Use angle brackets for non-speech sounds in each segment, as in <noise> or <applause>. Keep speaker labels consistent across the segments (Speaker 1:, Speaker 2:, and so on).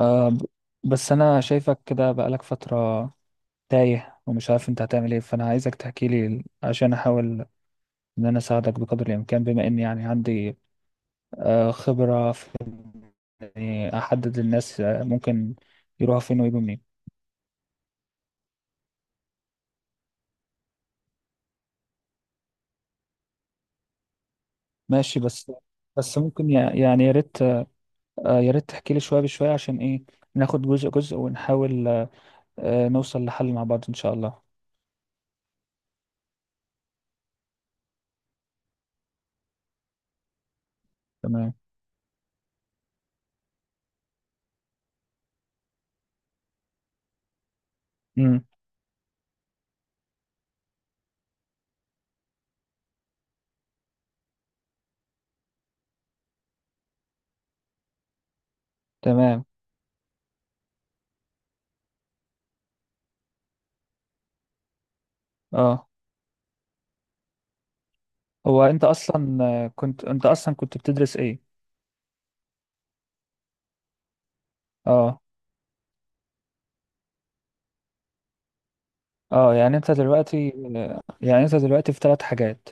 Speaker 1: آه ب- بس انا شايفك كده بقالك فترة تايه، ومش عارف انت هتعمل ايه. فانا عايزك تحكي لي عشان احاول ان انا اساعدك بقدر الامكان، بما اني يعني عندي خبرة في إني احدد الناس، ممكن يروحوا فين ويجوا منين. ماشي. بس ممكن يعني، يا ريت، يا ريت تحكي لي شوية بشوية، عشان ايه؟ ناخد جزء جزء ونحاول، نوصل لحل مع بعض ان شاء الله. تمام. امم تمام. اه، هو انت اصلا، كنت انت اصلا كنت بتدرس ايه؟ اه، اه. يعني انت دلوقتي في 3 حاجات،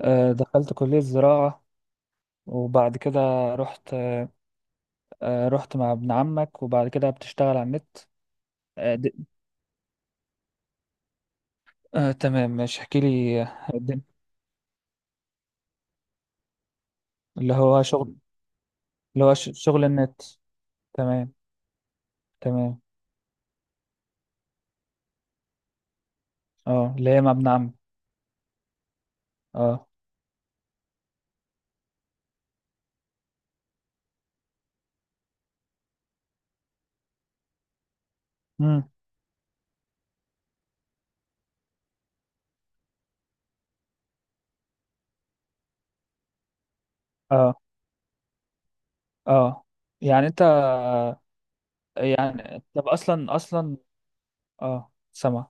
Speaker 1: دخلت كلية زراعة، وبعد كده رحت، رحت مع ابن عمك، وبعد كده بتشتغل على النت. آه، د- تمام، مش احكي لي الدنيا. اللي هو شغل. اللي هو شغل النت. تمام. تمام. اه. اللي هي مع ابن عمك. اه. امم اه، اه، يعني انت، يعني طب، اصلا اه، سمع.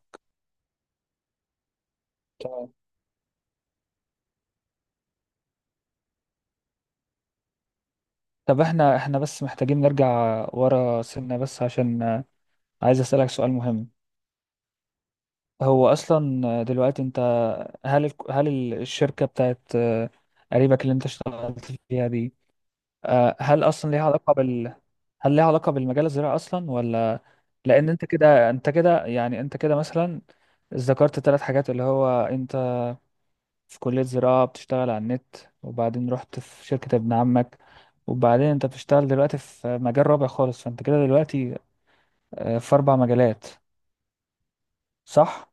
Speaker 1: تمام. طب احنا بس محتاجين نرجع ورا سنة، بس عشان عايز أسألك سؤال مهم. هو أصلا دلوقتي أنت، هل الشركة بتاعت قريبك اللي أنت اشتغلت فيها دي، هل أصلا ليها علاقة بال، هل ليها علاقة بالمجال الزراعي أصلا، ولا؟ لأن أنت كده مثلا ذكرت 3 حاجات، اللي هو أنت في كلية زراعة، بتشتغل على النت، وبعدين رحت في شركة ابن عمك، وبعدين أنت بتشتغل دلوقتي في مجال رابع خالص. فأنت كده دلوقتي في 4 مجالات، صح؟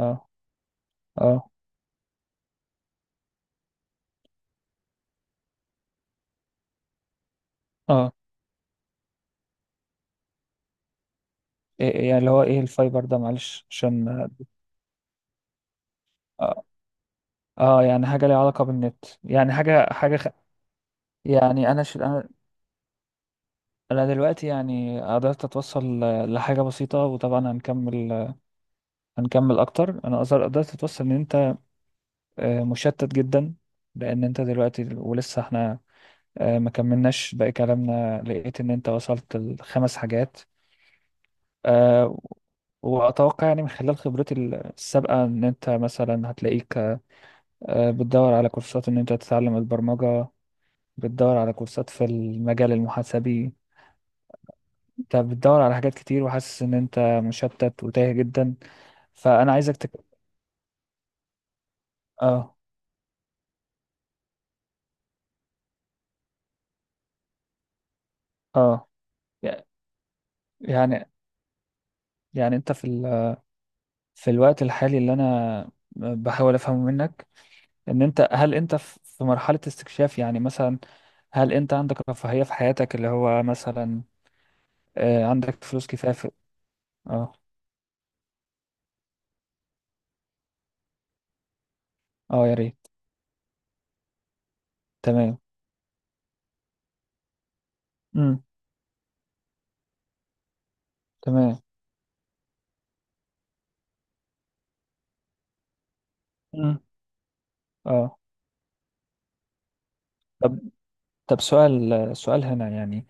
Speaker 1: اه، اه، اه. إيه يعني، اللي هو ايه الفايبر ده؟ معلش، عشان. اه، يعني حاجة ليها علاقة بالنت، يعني حاجة، خ... يعني انا ش... انا، أنا دلوقتي يعني قدرت اتوصل لحاجة بسيطة، وطبعا هنكمل، اكتر. انا قدرت اتوصل ان انت مشتت جدا، لان انت دلوقتي، ولسه احنا ما كملناش باقي كلامنا، لقيت ان انت وصلت لـ5 حاجات. آه، واتوقع يعني من خلال خبرتي السابقة ان انت مثلا هتلاقيك بتدور على كورسات ان انت تتعلم البرمجة، بتدور على كورسات في المجال المحاسبي. انت بتدور على حاجات كتير، وحاسس ان انت مشتت وتايه جدا. فانا عايزك تك... اه، اه، يع- يعني يعني انت في ال...، في الوقت الحالي اللي انا بحاول افهمه منك، ان انت، هل انت في مرحلة استكشاف؟ يعني مثلا هل انت عندك رفاهية في حياتك؟ اللي هو مثلا عندك فلوس كفاية في... اه، اه، يا ريت. تمام. امم تمام. امم اه. طب سؤال، سؤال هنا يعني،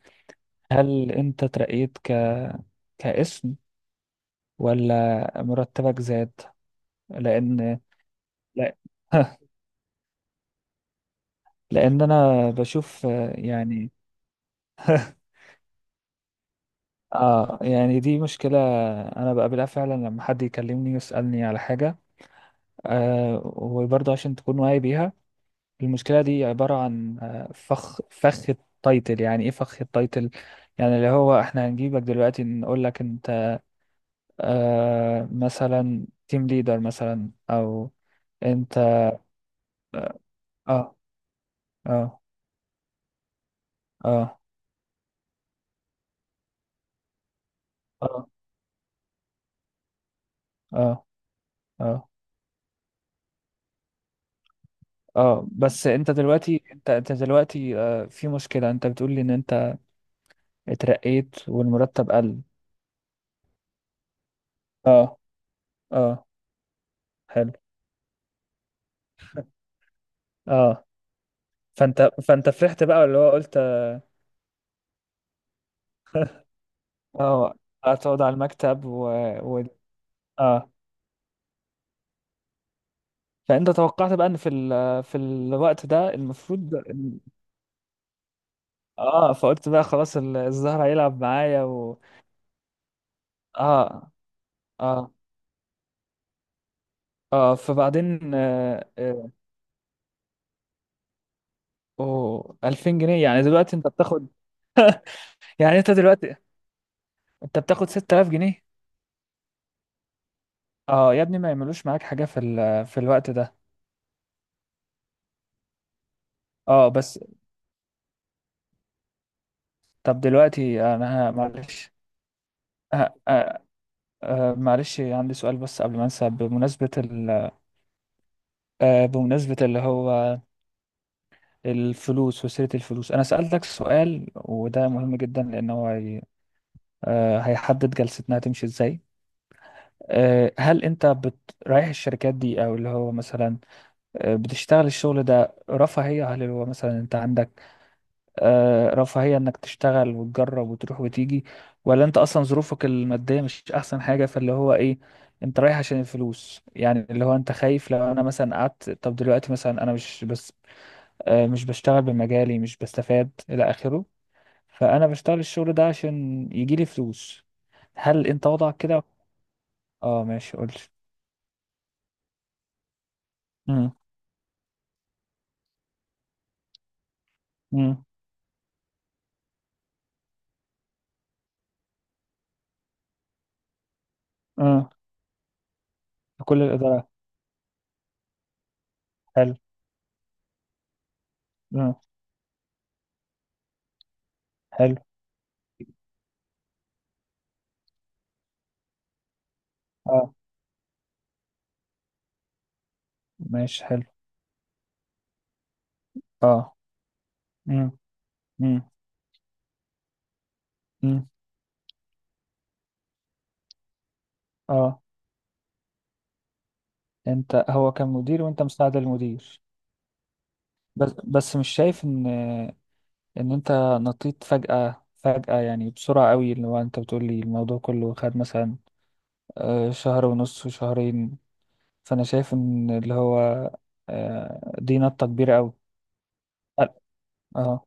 Speaker 1: هل انت ترقيت ك، كاسم، ولا مرتبك زاد؟ لان، لا. <laughs> لان انا بشوف يعني. <laughs> اه، يعني دي مشكلة انا بقابلها فعلا لما حد يكلمني يسألني على حاجة، وبرضه عشان تكون واعي بيها. المشكلة دي عبارة عن فخ، التايتل. يعني ايه فخ التايتل؟ يعني اللي هو احنا هنجيبك دلوقتي نقول لك انت مثلا تيم ليدر، مثلا، او انت. اه، اه، اه، اه، اه، اه، اه. بس انت دلوقتي، انت دلوقتي في مشكلة. انت بتقول لي ان انت اترقيت والمرتب قل. اه، اه. حلو. اه، فانت فرحت بقى، اللي هو قلت. <laughs> اه، هتقعد على المكتب، و... و... اه، فانت توقعت بقى ان في ال...، في الوقت ده المفروض. اه، فقلت بقى خلاص، الزهر هيلعب معايا و... اه، اه، اه، فبعدين أوه! 2000 جنيه؟ يعني دلوقتي انت بتاخد، يعني انت دلوقتي انت بتاخد 6000 جنيه؟ اه يا ابني، ما يعملوش معاك حاجة في ال...، في الوقت ده. اه. بس، طب دلوقتي انا معلش، آه آه معلش، عندي سؤال بس قبل ما انسى بمناسبة ال... بمناسبة اللي هو الفلوس وسيرة الفلوس، انا سألتك سؤال وده مهم جدا، لان هو هي... هيحدد جلستنا هتمشي ازاي. هل انت بت...، رايح الشركات دي، او اللي هو مثلا بتشتغل الشغل ده رفاهية؟ هل اللي هو مثلا انت عندك رفاهية انك تشتغل وتجرب وتروح وتيجي، ولا انت اصلا ظروفك المادية مش احسن حاجة، فاللي هو ايه، انت رايح عشان الفلوس؟ يعني اللي هو انت خايف، لو انا مثلا قعدت، طب دلوقتي مثلا انا مش بس مش بشتغل بمجالي، مش بستفاد، الى اخره، فانا بشتغل الشغل ده عشان يجيلي فلوس. هل انت وضعك كده؟ اه، ماشي، قولي. امم اه. كل الإدارة، حلو. اه، حلو. اه، ماشي، حلو. اه. امم، امم، امم اه. انت، هو كان مدير وانت مساعد المدير؟ بس مش شايف ان، انت نطيت فجأة فجأة؟ يعني بسرعة قوي، اللي هو انت بتقول لي الموضوع كله خد مثلا شهر ونص وشهرين. فانا شايف ان اللي هو دي نطة كبيرة قوي. اه،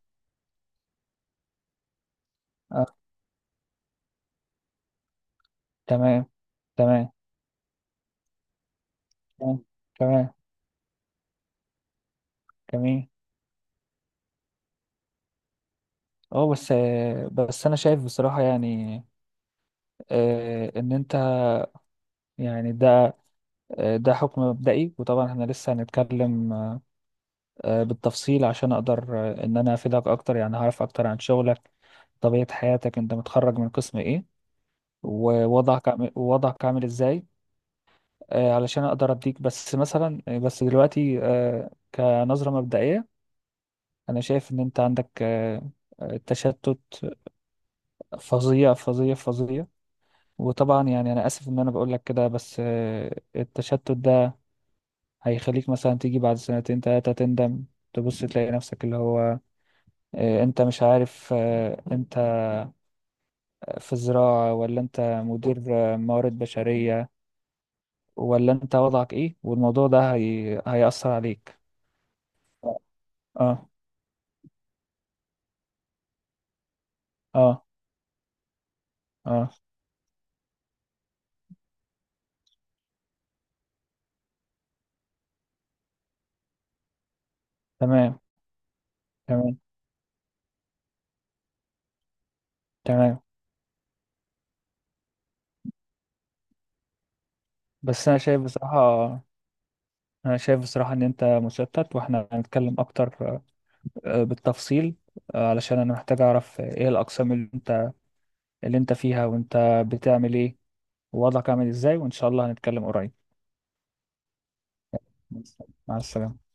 Speaker 1: اه. تمام. تمام، تمام، تمام. جميل. اه. بس انا شايف بصراحة يعني ان انت، يعني ده حكم مبدئي، وطبعا احنا لسه هنتكلم بالتفصيل عشان اقدر ان انا افيدك اكتر. يعني هعرف اكتر عن شغلك، طبيعة حياتك، انت متخرج من قسم ايه، ووضعك ووضعك عامل ازاي. علشان اقدر اديك بس مثلا بس دلوقتي كنظرة مبدئية، انا شايف ان انت عندك تشتت فظيع فظيع فظيع. وطبعا يعني انا اسف ان انا بقول لك كده، بس التشتت ده هيخليك مثلا تيجي بعد سنتين تلاتة تندم، تبص تلاقي نفسك اللي هو انت مش عارف، انت في زراعة ولا انت مدير موارد بشرية، ولا انت وضعك ايه. والموضوع ده هي... هيأثر عليك. اه، اه، اه. تمام. تمام. تمام. بس انا شايف بصراحة، انا شايف بصراحة ان انت مشتت، واحنا هنتكلم اكتر بالتفصيل، علشان انا محتاج اعرف ايه الاقسام اللي انت، اللي انت فيها، وانت بتعمل ايه، ووضعك عامل ازاي، وان شاء الله هنتكلم قريب. مع السلامة.